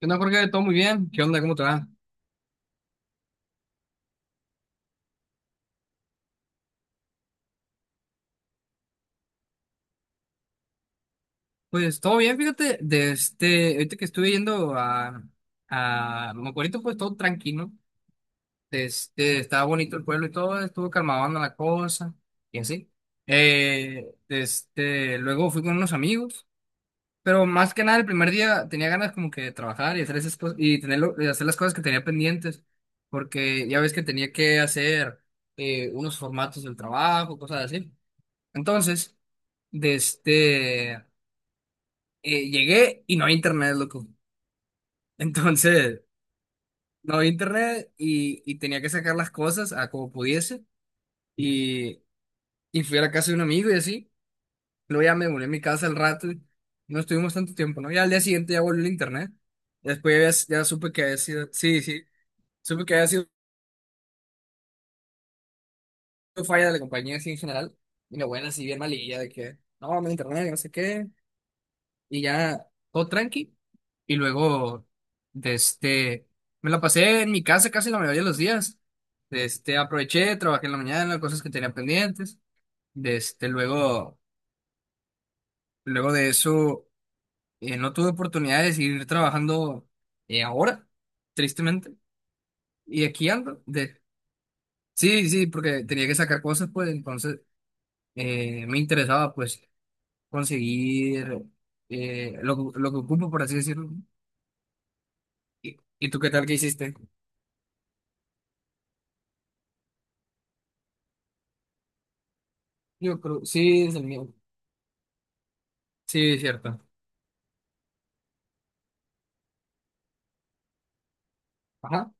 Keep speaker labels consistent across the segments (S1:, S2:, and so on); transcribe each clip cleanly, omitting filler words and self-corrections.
S1: ¿Qué onda, Jorge? ¿Todo muy bien? ¿Qué onda? ¿Cómo te va? Pues todo bien, fíjate, ahorita que estuve yendo a Mocorito, pues todo tranquilo. Estaba bonito el pueblo y todo, estuvo calmando la cosa, y así. Luego fui con unos amigos, pero más que nada el primer día tenía ganas como que de trabajar y hacer esas cosas, y tenerlo, y hacer las cosas que tenía pendientes, porque ya ves que tenía que hacer unos formatos del trabajo, cosas así. Entonces, de este, eh, llegué y no había internet, loco. Entonces, no había internet y tenía que sacar las cosas a como pudiese. Y, y fui a la casa de un amigo y así. Luego ya me volví a mi casa al rato y no estuvimos tanto tiempo, ¿no? Ya al día siguiente ya volvió el internet. Después ya, ya supe que había sido, sí, sí, supe que había sido falla de la compañía así en general. Y la buena, así bien malilla, de que no, no hay internet, no sé qué. Y ya todo tranqui. Y luego, de este, me la pasé en mi casa casi la mayoría de los días. Aproveché, trabajé en la mañana, cosas que tenía pendientes. De este, luego, luego de eso, no tuve oportunidad de seguir trabajando, ahora, tristemente. Y aquí ando. De... Sí, sí, porque tenía que sacar cosas, pues entonces me interesaba, pues, conseguir lo, lo que ocupo, por así decirlo, ¿no? ¿Y tú qué tal que hiciste? Yo creo, sí, es el mío. Sí, es cierto. Ajá.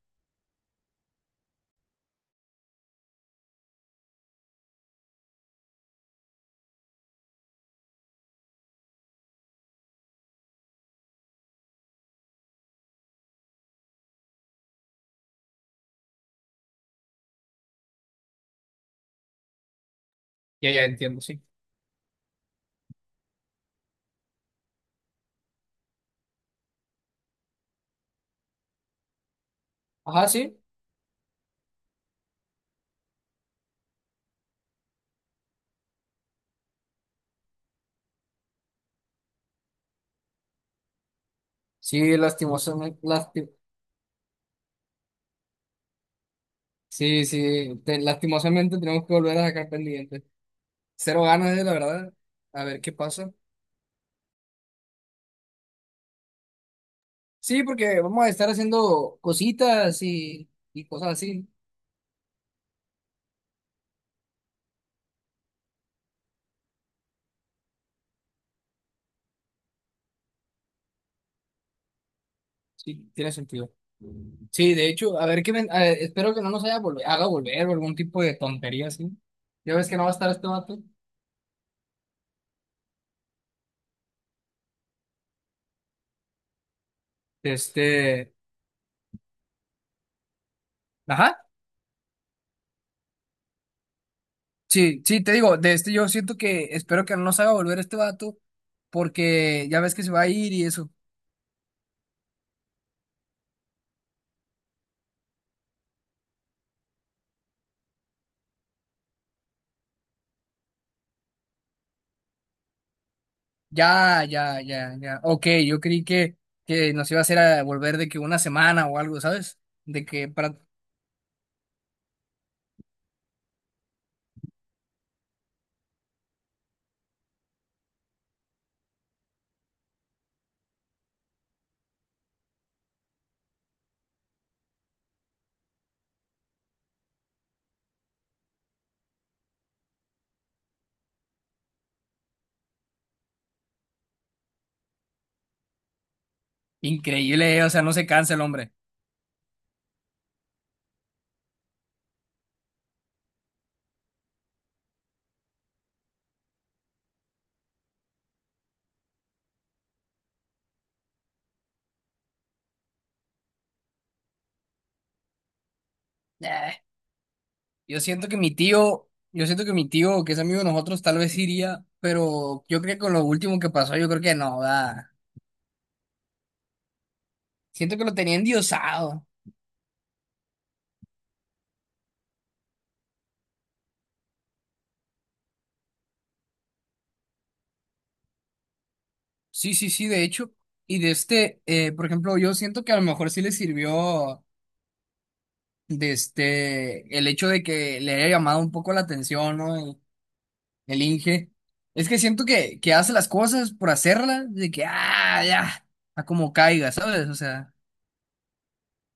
S1: Ya, ya entiendo, sí. Ajá, sí. Sí, lastimosamente, sí, sí, lastimosamente tenemos que volver a sacar pendientes. Cero ganas, la verdad. A ver qué pasa. Sí, porque vamos a estar haciendo cositas y cosas así. Sí, tiene sentido. Sí, de hecho, a ver a ver, espero que no nos haga volver o algún tipo de tontería así. Ya ves que no va a estar este vato. Este, ajá. Sí, sí, te digo, de este yo siento que espero que no nos haga volver este vato, porque ya ves que se va a ir y eso. Ya, ya, ya, ya. Ok, yo creí que nos iba a hacer a volver de que una semana o algo, ¿sabes? De que para... Increíble, o sea, no se cansa el hombre. Eh, yo siento que mi tío, que es amigo de nosotros, tal vez iría, pero yo creo que con lo último que pasó, yo creo que no, da. Siento que lo tenía endiosado. Sí, sí, sí, de hecho. Y por ejemplo, yo siento que a lo mejor sí le sirvió, el hecho de que le haya llamado un poco la atención, ¿no? El Inge. Es que siento que hace las cosas por hacerlas, de que, ah, ya, a como caiga, ¿sabes? O sea,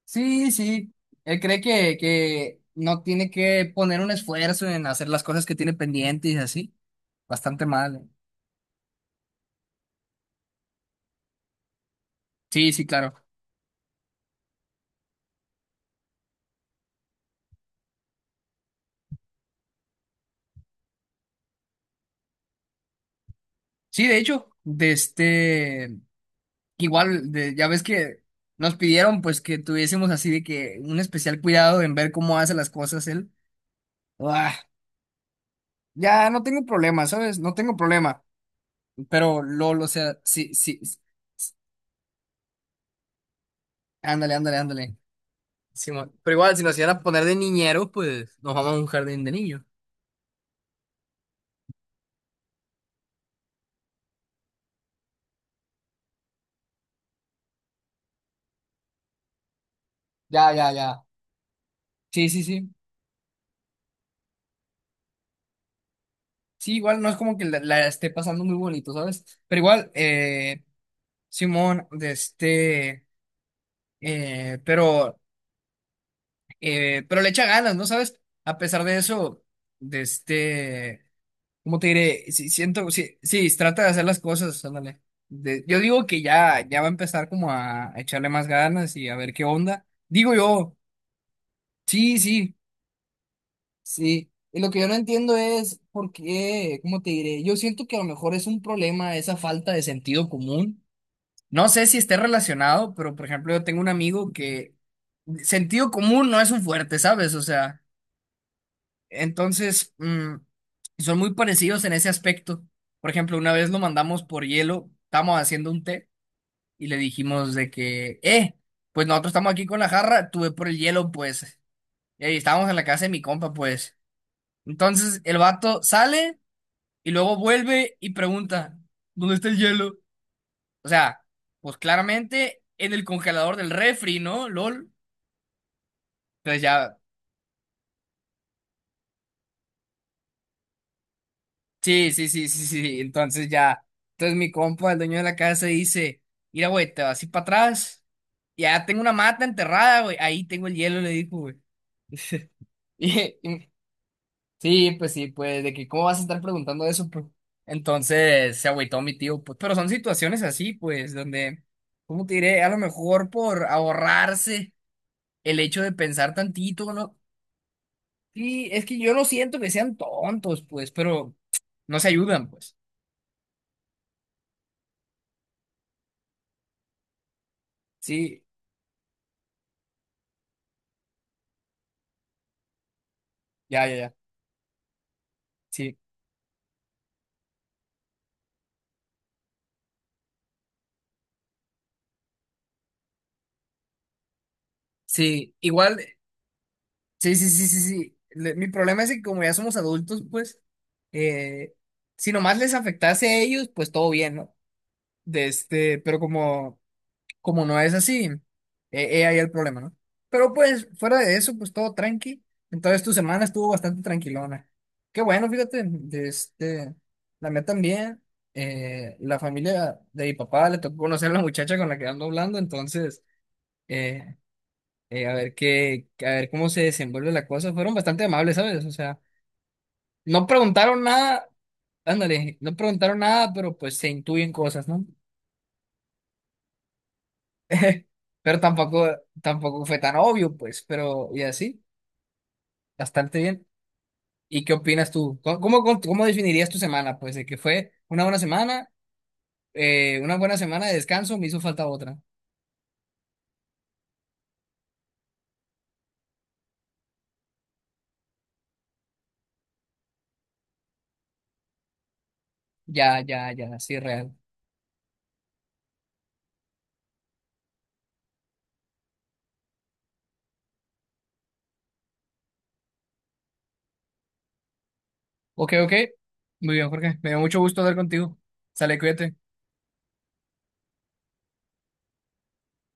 S1: sí, sí. Él cree que no tiene que poner un esfuerzo en hacer las cosas que tiene pendientes y así. Bastante mal, ¿eh? Sí, sí, claro. Sí, de hecho, de este. Igual, ya ves que nos pidieron pues que tuviésemos así de que un especial cuidado en ver cómo hace las cosas él. Ah, ya no tengo problema, ¿sabes? No tengo problema. Pero Lolo, o sea, sí, sí, sí. Ándale, ándale, ándale. Simón. Pero igual, si nos iban a poner de niñeros, pues nos vamos a un jardín de niños. Ya, ya, ya. Sí, sí, sí. Sí, igual no es como que la esté pasando muy bonito, ¿sabes? Pero igual, simón, eh, pero... pero le echa ganas, ¿no sabes? A pesar de eso, de este, ¿cómo te diré? Sí, sí, sí, trata de hacer las cosas, ándale. Yo digo que ya, ya va a empezar como a echarle más ganas y a ver qué onda. Digo yo, sí, sí, sí. Y lo que yo no entiendo es por qué, ¿cómo te diré? Yo siento que a lo mejor es un problema esa falta de sentido común. No sé si esté relacionado, pero por ejemplo, yo tengo un amigo que sentido común no es un fuerte, ¿sabes? O sea. Entonces, son muy parecidos en ese aspecto. Por ejemplo, una vez lo mandamos por hielo, estábamos haciendo un té y le dijimos de que, pues nosotros estamos aquí con la jarra, tuve por el hielo, pues, y ahí estábamos en la casa de mi compa, pues. Entonces, el vato sale y luego vuelve y pregunta, ¿dónde está el hielo? O sea, pues claramente en el congelador del refri, ¿no? LOL. Entonces ya. Sí, sí, sí, sí, sí. Sí. Entonces ya, entonces mi compa, el dueño de la casa, dice, mira, güey, te vas así para atrás. Ya tengo una mata enterrada, güey. Ahí tengo el hielo, le dijo, güey. Y- y- sí, pues sí, pues de que cómo vas a estar preguntando eso, pues. Entonces se agüitó mi tío, pues. Pero son situaciones así, pues, donde, ¿cómo te diré? A lo mejor por ahorrarse el hecho de pensar tantito, ¿no? Sí, es que yo no siento que sean tontos, pues, pero no se ayudan, pues. Sí, ya, ya, ya. Sí. Sí, igual, sí, sí, sí, sí, sí. Mi problema es que como ya somos adultos, pues, eh, si nomás les afectase a ellos, pues todo bien, ¿no? Pero como, no es así, ahí el problema, ¿no? Pero pues, fuera de eso, pues todo tranqui. Entonces tu semana estuvo bastante tranquilona. Qué bueno, fíjate, la mía también, la familia de mi papá le tocó conocer a la muchacha con la que ando hablando, entonces... eh, a ver a ver cómo se desenvuelve la cosa. Fueron bastante amables, ¿sabes? O sea, no preguntaron nada, ándale, no preguntaron nada, pero pues se intuyen cosas, ¿no? Pero tampoco fue tan obvio, pues, pero y así, bastante bien. ¿Y qué opinas tú? ¿Cómo definirías tu semana? Pues de que fue una buena semana de descanso, me hizo falta otra. Ya, ya, ya, sí, real. Ok, ok. Muy bien, Jorge. Me dio mucho gusto hablar contigo. Sale, cuídate.